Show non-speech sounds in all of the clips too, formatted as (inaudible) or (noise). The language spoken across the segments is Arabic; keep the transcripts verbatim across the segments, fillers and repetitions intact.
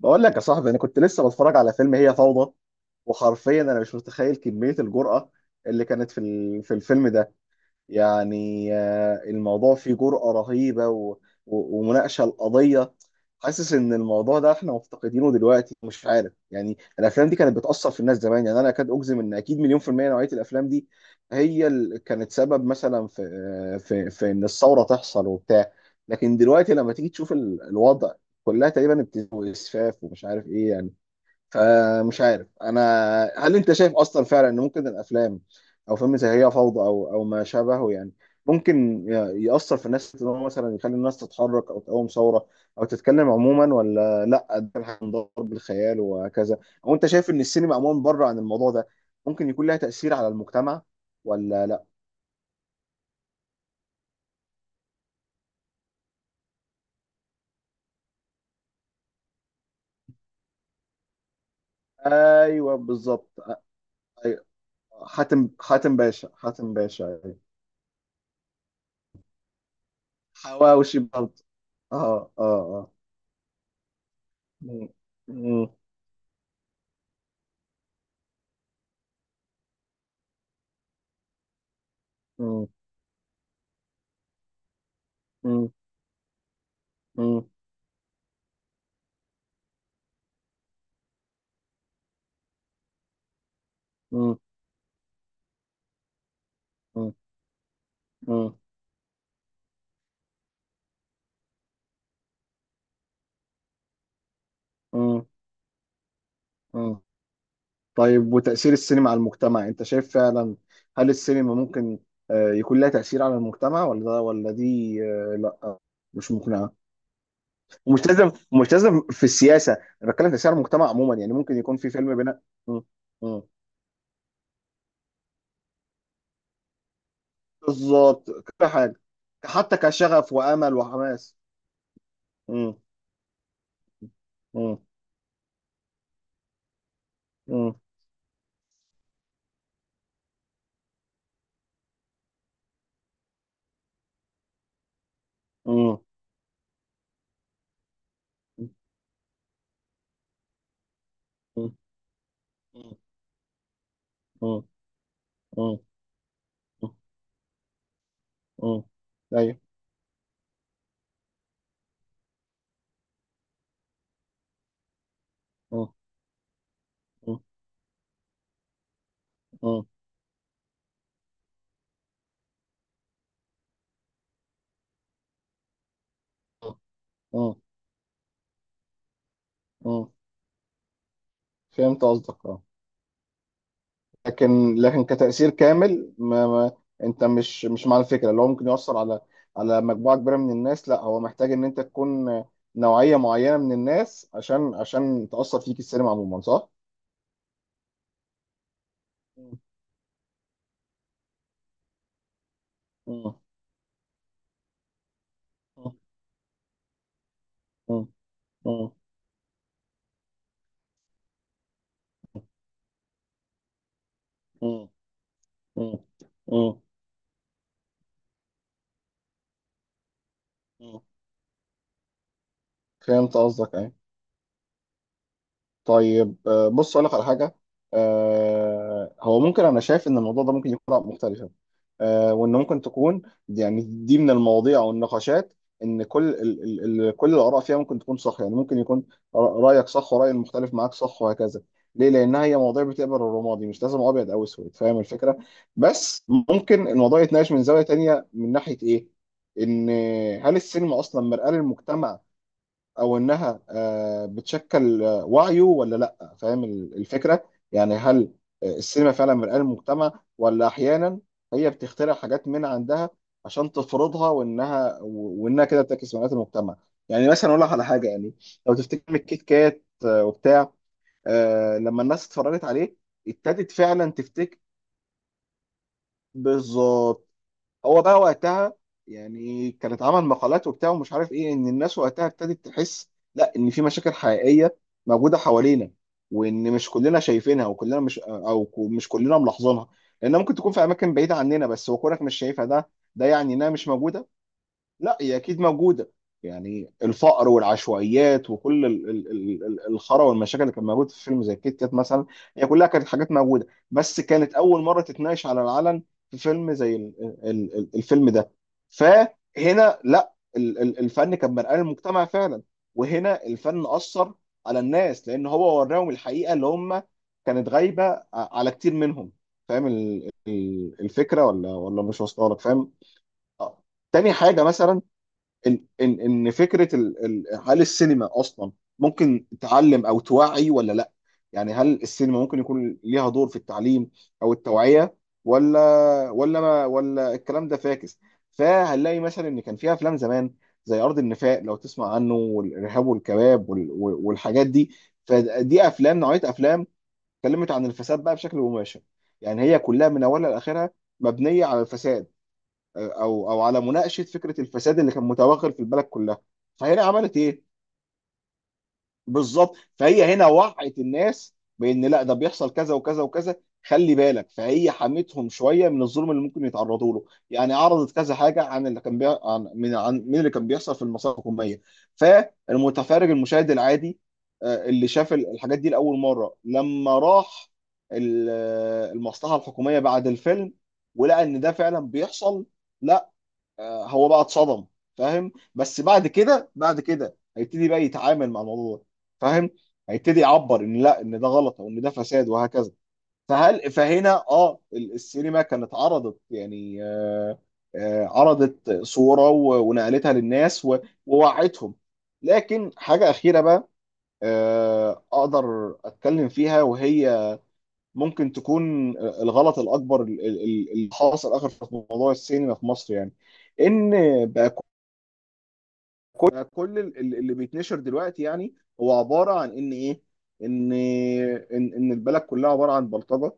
بقول لك يا صاحبي، انا كنت لسه بتفرج على فيلم هي فوضى. وحرفيا انا مش متخيل كمية الجرأة اللي كانت في ال- في الفيلم ده. يعني آه، الموضوع فيه جرأة رهيبة و... و... ومناقشة القضية. حاسس ان الموضوع ده احنا مفتقدينه دلوقتي. مش عارف، يعني الافلام دي كانت بتأثر في الناس زمان. يعني انا اكاد اجزم ان اكيد مليون في المية نوعية الافلام دي هي اللي كانت سبب مثلا في آه، في في ان الثورة تحصل وبتاع. لكن دلوقتي لما تيجي تشوف ال- الوضع، كلها تقريبا ابتزاز واسفاف ومش عارف ايه يعني. فمش عارف انا، هل انت شايف اصلا فعلا ان ممكن الافلام او فيلم زي هي فوضى او او ما شابهه يعني، ممكن ي- يأثر في الناس ان هو مثلا يخلي الناس تتحرك او تقوم ثوره او تتكلم عموما، ولا لا، ده هنضرب بالخيال وهكذا؟ او انت شايف ان السينما عموما بره عن الموضوع ده ممكن يكون لها تأثير على المجتمع ولا لا؟ ايوه بالظبط. أيوة. حاتم، حاتم باشا، حاتم باشا. أيوة. حواوشي برضه. اه، اه. اه. مم. مم. مم. مم. مم. مم. مم. مم. مم. طيب، وتأثير السينما على المجتمع، انت شايف فعلا هل السينما ممكن آه، يكون لها تأثير على المجتمع ولا ولا دي آه، لا مش مقنعة؟ ومش لازم مش لازم في السياسة، انا بتكلم تأثير على المجتمع عموما يعني، ممكن يكون في فيلم بناء. مم. مم. بالظبط، كل حاجة. حتى كشغف وأمل وحماس. مم. مم. مم. مم. مم. مم. مم. مم. مم. ايوه. مم. مم. فهمت قصدك، اه. لكن لكن كتأثير كامل، ما ما انت مش مش مع الفكره اللي هو ممكن يؤثر على على مجموعه كبيره من الناس. لا، هو محتاج ان انت تكون نوعيه معينه من الناس عشان عشان تأثر فيك السينما عموما، صح؟ مم. مم. مم. مم. مم. مم. مم. فهمت قصدك، ايه. طيب آه، بص اقول لك على حاجه. آه، هو ممكن، انا شايف ان الموضوع ده ممكن يكون مختلفه، آه، وان ممكن تكون، يعني دي من المواضيع او النقاشات، ان كل ال ال ال كل الاراء فيها ممكن تكون صح، يعني ممكن يكون رأ- رايك صح وراي المختلف معاك صح وهكذا، ليه؟ لانها هي مواضيع بتقبل الرمادي، مش لازم ابيض او اسود، فاهم الفكره؟ بس ممكن الموضوع يتناقش من زاويه تانية، من ناحيه ايه، ان هل السينما اصلا مرآة للمجتمع، او انها آه، بتشكل آه، وعيه ولا لا؟ فاهم ال- الفكره؟ يعني هل آه، السينما فعلا مرآة المجتمع، ولا احيانا هي بتخترع حاجات من عندها عشان تفرضها، وانها و- وانها كده بتعكس مرآة المجتمع؟ يعني مثلا اقول لك على حاجه، يعني لو تفتكر الكيت كات آه، وبتاع، آه، لما الناس اتفرجت عليه ابتدت فعلا تفتكر، بالظبط. هو بقى وقتها يعني، كان اتعمل مقالات وبتاع ومش عارف ايه، ان الناس وقتها ابتدت تحس، لا، ان في مشاكل حقيقيه موجوده حوالينا، وان مش كلنا شايفينها، وكلنا مش او ك- مش كلنا ملاحظينها، لانها ممكن تكون في اماكن بعيده عننا. بس وكونك مش شايفها، ده ده يعني انها مش موجوده، لا هي اكيد موجوده. يعني الفقر والعشوائيات وكل ال- ال- ال- ال- الخرا والمشاكل اللي كانت موجوده في فيلم زي كيت كات مثلا، هي كلها كانت حاجات موجوده، بس كانت اول مره تتناقش على العلن في فيلم زي ال- ال- ال- الفيلم ده. فهنا لا، ال- ال- الفن كان مرآة للمجتمع فعلا. وهنا الفن اثر على الناس، لان هو وراهم الحقيقه اللي هم كانت غايبه ع- على كتير منهم. فاهم ال- ال- الفكره ولا ولا مش واصله لك، فاهم؟ آه. تاني حاجه مثلا، ان ان ان فكره ال... ال... هل السينما اصلا ممكن تعلم او توعي ولا لا؟ يعني هل السينما ممكن يكون ليها دور في التعليم او التوعيه، ولا ولا ما ولا الكلام ده فاكس؟ فهنلاقي مثلا ان كان فيها افلام زمان زي ارض النفاق لو تسمع عنه، والارهاب والكباب وال... والحاجات دي. فدي افلام، نوعيه افلام اتكلمت عن الفساد بقى بشكل مباشر، يعني هي كلها من اولها لاخرها مبنيه على الفساد، او او على مناقشه فكره الفساد اللي كان متوغل في البلد كلها. فهنا عملت ايه؟ بالظبط، فهي هنا وعت الناس بان لا، ده بيحصل كذا وكذا وكذا. خلي بالك، فهي حمتهم شويه من الظلم اللي ممكن يتعرضوا له، يعني عرضت كذا حاجه عن اللي كان بي... عن من عن من اللي كان بيحصل في المصالح الحكوميه. فالمتفرج المشاهد العادي، آه، اللي شاف ال- الحاجات دي لاول مره، لما راح ال- المصلحه الحكوميه بعد الفيلم، ولقى ان ده فعلا بيحصل، لا آه، هو بقى اتصدم. فاهم؟ بس بعد كده، بعد كده هيبتدي بقى يتعامل مع الموضوع ده، فاهم؟ هيبتدي يعبر ان لا، ان ده غلط او ان ده فساد وهكذا. فهل فهنا اه ال- السينما كانت عرضت يعني، آه آه عرضت صورة و- ونقلتها للناس و- ووعتهم. لكن حاجة أخيرة بقى آه أقدر أتكلم فيها، وهي ممكن تكون الغلط الأكبر ال- ال- ال- اللي حاصل آخر في موضوع السينما في مصر يعني، إن بقى كل ال- ال- اللي بيتنشر دلوقتي يعني، هو عباره عن ان ايه؟ ان ان ان البلد كلها عباره عن بلطجه،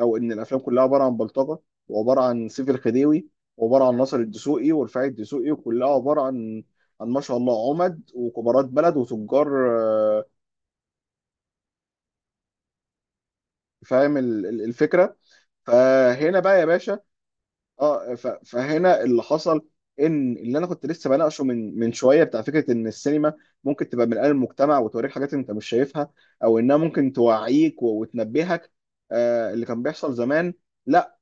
او ان الافلام كلها عباره عن بلطجه، وعباره عن سيف الخديوي، وعباره عن ناصر الدسوقي ورفاعي الدسوقي، وكلها عباره عن عن ما شاء الله عمد وكبارات بلد وتجار، آه، فاهم ال- ال- الفكره؟ فهنا بقى يا باشا، اه ف- فهنا اللي حصل، ان اللي انا كنت لسه بناقشه من من شويه بتاع، فكره ان السينما ممكن تبقى من قلب المجتمع وتوريك حاجات انت مش شايفها، او انها ممكن توعيك و- وتنبهك، آه اللي كان بيحصل زمان. لا،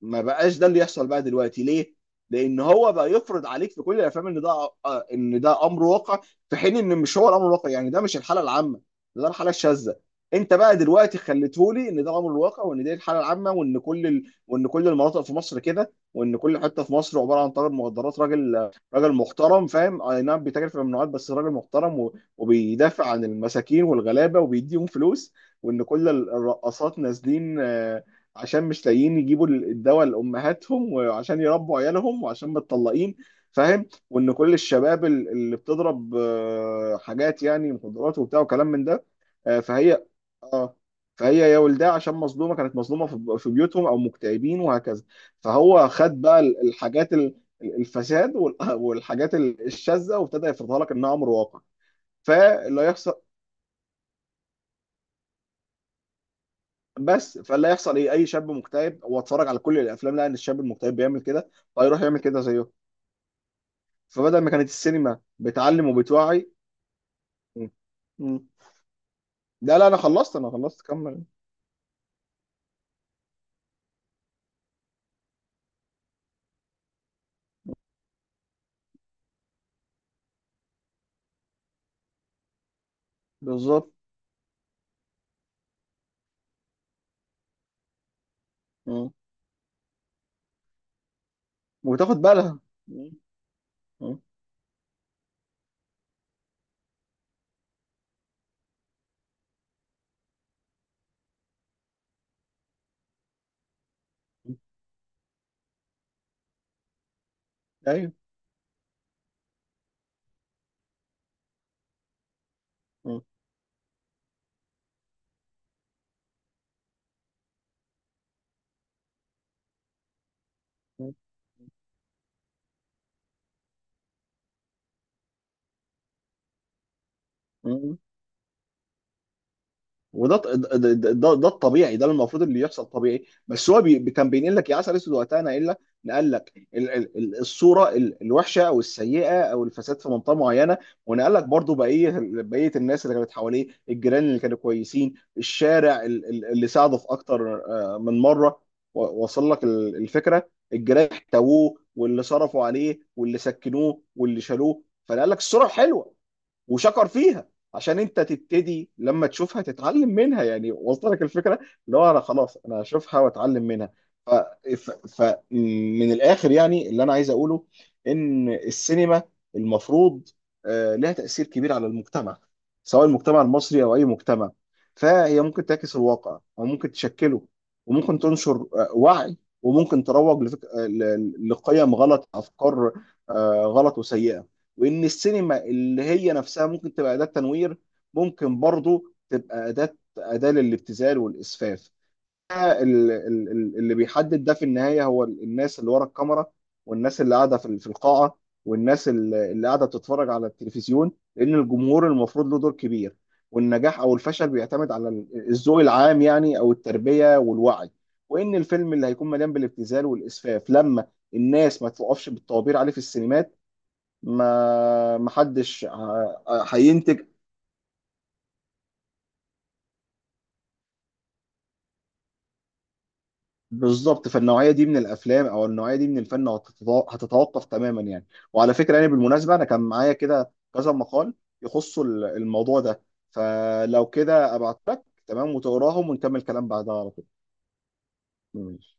ما بقاش ده اللي يحصل بقى دلوقتي، ليه؟ لان هو بقى يفرض عليك في كل الافلام ان ده آه، ان ده امر واقع، في حين ان مش هو الامر الواقع، يعني ده مش الحاله العامه، ده الحاله الشاذه. انت بقى دلوقتي خليتهولي ان ده امر الواقع، وان دي الحاله العامه، وان كل ال... وان كل المناطق في مصر كده، وان كل حته في مصر عباره عن تاجر مخدرات، راجل راجل محترم، فاهم، اي نعم بيتاجر في الممنوعات بس راجل محترم، و... وبيدافع عن المساكين والغلابه وبيديهم فلوس. وان كل الرقاصات نازلين آه، عشان مش لاقيين يجيبوا الدواء لامهاتهم، وعشان يربوا عيالهم، وعشان متطلقين، فاهم. وان كل الشباب ال- اللي بتضرب آه، حاجات يعني، مخدرات وبتاع وكلام من ده، آه، فهي، اه فهي يا ولدها عشان مظلومه، كانت مظلومه في في بيوتهم، او مكتئبين وهكذا. فهو خد بقى ال- الحاجات ال- الفساد وال- (laughs) والحاجات ال- الشاذه، وابتدى يفرضها لك انها امر واقع. فاللي هيحصل بس، فلا يحصل ايه؟ اي شاب مكتئب هو اتفرج على كل الافلام، لقى ان الشاب المكتئب بيعمل كده، فيروح يعمل كده زيه. فبدل ما كانت السينما بتعلم وبتوعي. م. م. لا لا، انا خلصت، انا خلصت، كمل. بالظبط. م. وتاخد بالها. م. م. ايوه. م. م. وده ط- ده, ده, ده الطبيعي، ده المفروض اللي يحصل طبيعي، بس هو بي كان بينقل لك، يا عسل اسود وقتها، ناقل لك، نقل لك ال- ال- ال- الصوره ال- الوحشه، او السيئه، او الفساد في منطقه معينه، ونقل لك برضو بقيه بقيه الناس اللي كانت حواليه، الجيران اللي كانوا كويسين، الشارع ال- ال- اللي ساعده في اكتر آه، من مره، و- وصل لك ال- الفكره، الجيران احتووه، واللي صرفوا عليه، واللي سكنوه، واللي شالوه، فنقل لك الصوره الحلوه وشكر فيها، عشان انت تبتدي لما تشوفها تتعلم منها، يعني وصلت لك الفكره، اللي هو انا خلاص، انا هشوفها واتعلم منها. ف... ف... ف من الاخر يعني، اللي انا عايز اقوله ان السينما المفروض آه، لها تاثير كبير على المجتمع، سواء المجتمع المصري او اي مجتمع. فهي ممكن تعكس الواقع او ممكن تشكله، وممكن تنشر آه، وعي، وممكن تروج لفك... آه، ل- ل- لقيم غلط، افكار آه، غلط وسيئه. وان السينما اللي هي نفسها ممكن تبقى اداة تنوير، ممكن برضو تبقى اداة اداة للابتذال والاسفاف. ال- ال- ال- اللي بيحدد ده في النهاية هو ال- الناس اللي ورا الكاميرا، والناس اللي قاعدة في ال- في القاعة، والناس اللي اللي قاعدة بتتفرج على التلفزيون، لان الجمهور المفروض له دور كبير، والنجاح او الفشل بيعتمد على ال- الذوق العام يعني، او التربية والوعي. وان الفيلم اللي هيكون مليان بالابتذال والاسفاف، لما الناس ما توقفش بالطوابير عليه في السينمات، ما ما حدش ه- هينتج بالظبط في النوعيه دي من الافلام، او النوعيه دي من الفن، هتتو- هتتوقف تماما يعني. وعلى فكره يعني بالمناسبه، انا كان معايا كده كذا مقال يخصوا ال- الموضوع ده، فلو كده ابعت لك، تمام، وتقراهم، ونكمل كلام بعدها على طول. ماشي.